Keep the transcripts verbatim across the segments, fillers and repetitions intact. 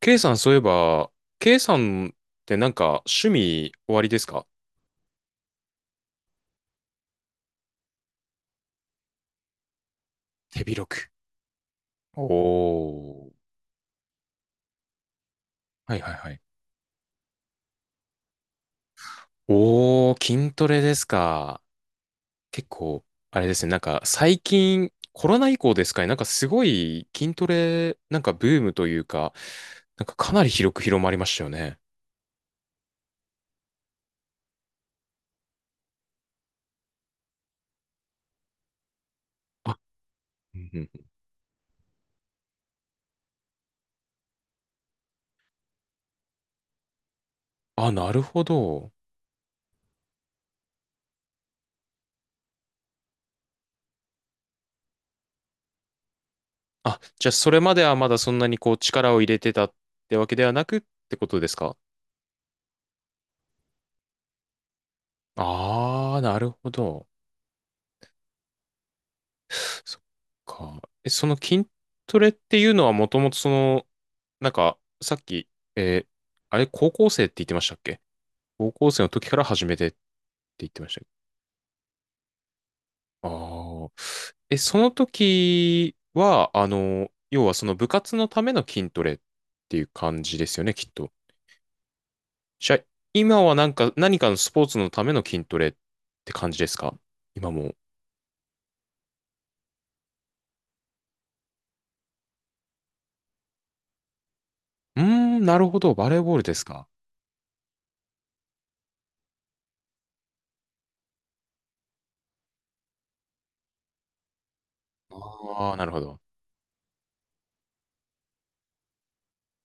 K さん、そういえば、K さんってなんか趣味終わりですか？手広く。お、おー。はいはいはい。おー、筋トレですか。結構、あれですね、なんか最近、コロナ以降ですかね、なんかすごい筋トレ、なんかブームというか、なんかかなり広く広まりましたよね。あ、うんうん、あ、なるほど。あ、じゃあそれまではまだそんなにこう力を入れてたってわけではなくってことですか？あー、なるほど。そっか。え、その筋トレっていうのはもともとその、なんか、さっき、えーあれ、高校生って言ってましたっけ、高校生の時から始めてって言ってましたっけ？ああー。え、その時は、あの、要はその部活のための筋トレっていう感じですよね、きっと。じゃあ、今はなんか、何かのスポーツのための筋トレって感じですか？今も。うーん、なるほど。バレーボールですか。ああー、なるほど。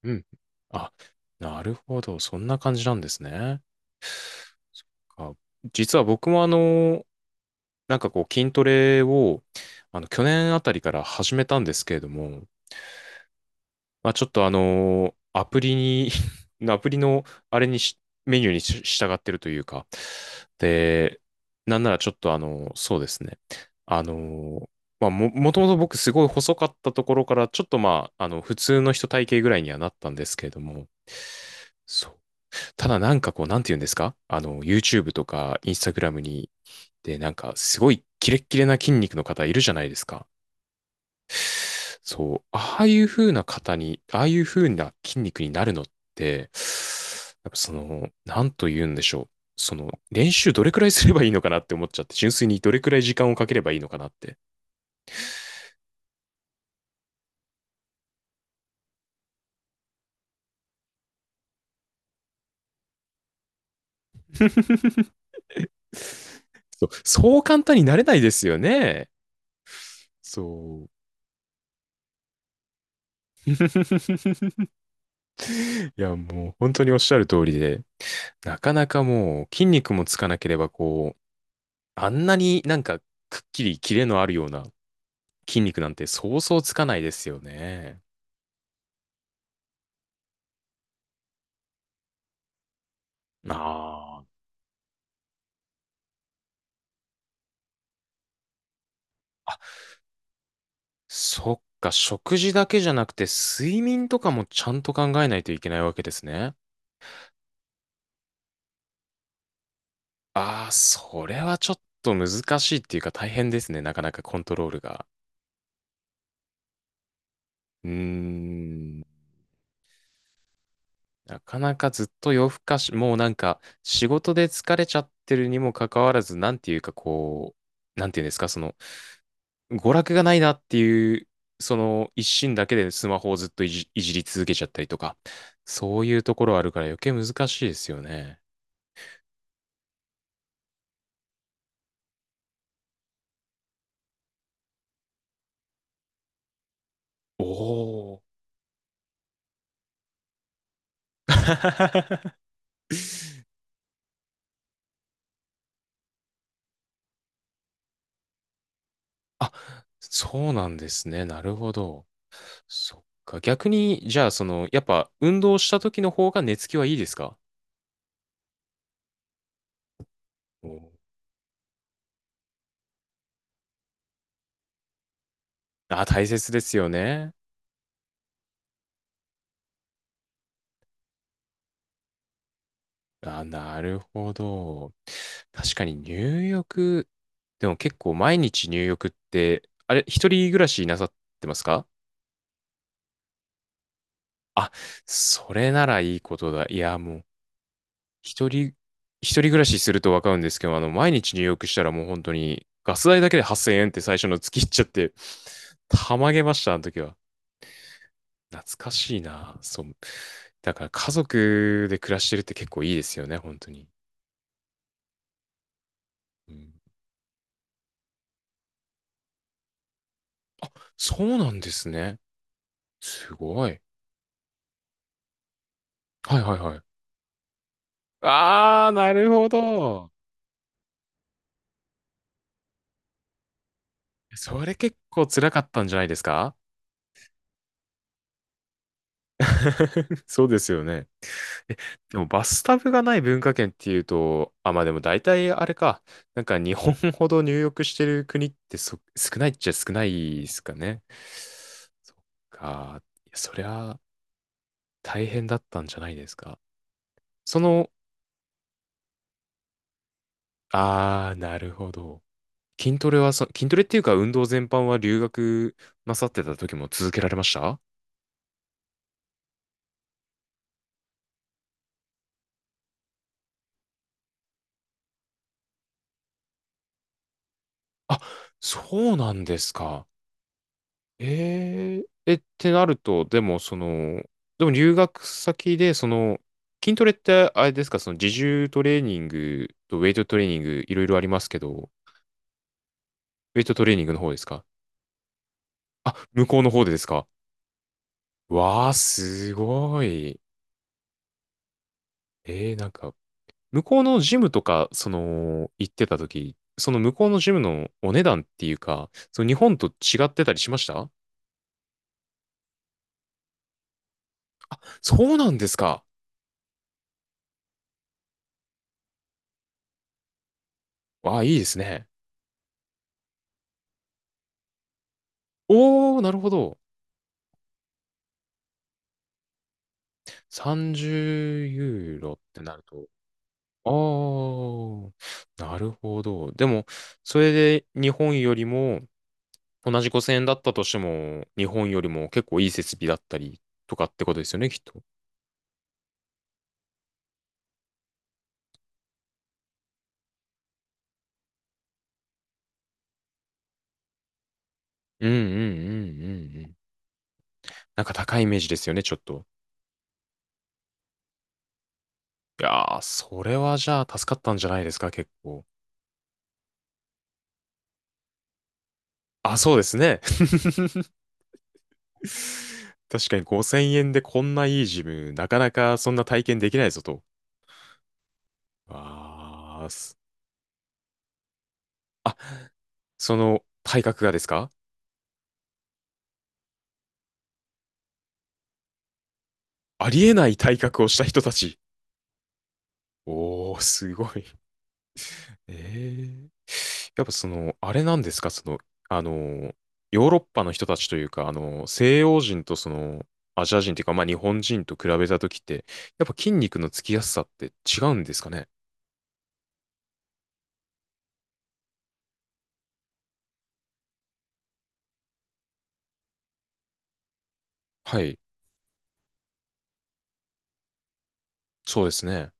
うん。あ、なるほど。そんな感じなんですね。あ、実は僕もあの、なんかこう筋トレを、あの、去年あたりから始めたんですけれども、まあちょっとあの、アプリに アプリのあれにし、メニューにし従ってるというか、で、なんならちょっとあの、そうですね。あの、まあ、も、もともと僕すごい細かったところから、ちょっとまあ、あの、普通の人体型ぐらいにはなったんですけれども、そう、ただなんかこう、なんて言うんですかあの、YouTube とか Instagram に、で、なんかすごいキレッキレな筋肉の方いるじゃないですか。そう、ああいう風な方に、ああいう風な筋肉になるのって、やっぱその、なんと言うんでしょう。その、練習どれくらいすればいいのかなって思っちゃって、純粋にどれくらい時間をかければいいのかなって。そう、そう簡単になれないですよね。そう。いや、もう本当におっしゃる通りで、なかなかもう筋肉もつかなければこう、あんなになんかくっきりキレのあるような筋肉なんてそうそうつかないですよね。ああ。あ、そっか、食事だけじゃなくて睡眠とかもちゃんと考えないといけないわけですね。ああ、それはちょっと難しいっていうか大変ですね。なかなかコントロールが。うーん。なかなかずっと夜更かし、もうなんか仕事で疲れちゃってるにもかかわらず、なんていうかこう、なんていうんですか、その娯楽がないなっていう、その一心だけでスマホをずっといじ、いじり続けちゃったりとか、そういうところあるから余計難しいですよね。おお。あ、そうなんですね。なるほど。そっか。逆に、じゃあ、その、やっぱ運動した時の方が寝つきはいいですか？お、あ、大切ですよね。あ、なるほど。確かに入浴、でも結構毎日入浴って、あれ、一人暮らしなさってますか？あ、それならいいことだ。いや、もう、一人、一人暮らしするとわかるんですけど、あの、毎日入浴したらもう本当に、ガス代だけではっせんえんって最初の月いっちゃって、たまげました、あの時は。懐かしいな。そう。だから家族で暮らしてるって結構いいですよね、本当に。うん、そうなんですね。すごい。はいはいはい。あー、なるほど。それ結構辛かったんじゃないですか？ そうですよね。えでもバスタブがない文化圏っていうと、あ、まあでも大体あれか。なんか日本ほど入浴してる国ってそ少ないっちゃ少ないですかね。そっか。いやそりゃ大変だったんじゃないですか。その、あー、なるほど。筋トレはそ、筋トレっていうか運動全般は留学なさってた時も続けられました？あ、そうなんですか。えええ、ってなると、でも、その、でも留学先で、その、筋トレって、あれですか、その自重トレーニングとウェイトトレーニング、いろいろありますけど、ウェイトトレーニングの方ですか？あ、向こうの方でですか？わあ、すごい。ええなんか、向こうのジムとか、その、行ってた時、その向こうのジムのお値段っていうか、その日本と違ってたりしました？そうなんですか。わあ、いいですね。おー、なるほど。さんじゅうユーロってなると、ああ、なるほど。でも、それで日本よりも、同じごせんえんだったとしても、日本よりも結構いい設備だったりとかってことですよね、きっと。うんうんうんうんうん。なんか高いイメージですよね、ちょっと。いやー、それはじゃあ助かったんじゃないですか、結構。あ、そうですね。確かにごせんえんでこんないいジム、なかなかそんな体験できないぞと。あーす。あ、その体格がですか？ありえない体格をした人たち。おー、すごい。ええやっぱその、あれなんですかその、あの、ヨーロッパの人たちというか、あの、西洋人とその、アジア人というか、まあ日本人と比べたときって、やっぱ筋肉のつきやすさって違うんですかね？はい。そうですね。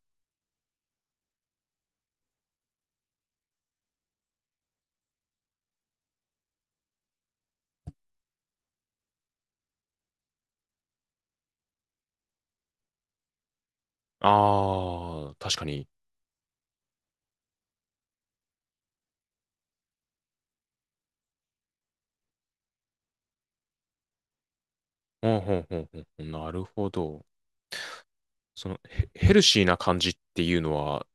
ああ、確かに。うんうんうんうん。なるほど。その、ヘヘルシーな感じっていうのは、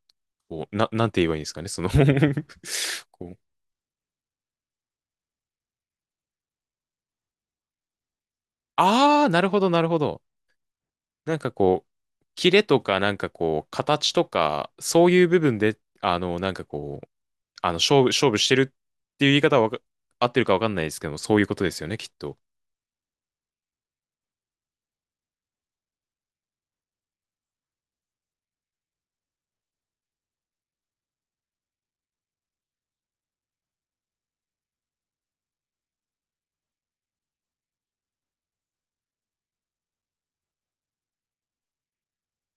こう、な、なんて言えばいいんですかね、その こう、あー、なるほど、なるほど。なんかこう、キレとか、なんかこう、形とか、そういう部分で、あの、なんかこう、あの、勝負、勝負してるっていう言い方はわか合ってるかわかんないですけども、そういうことですよね、きっと。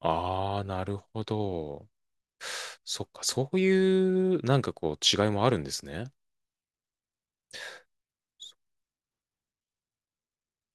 あー、なるほど。そっか、そういう、なんかこう、違いもあるんですね。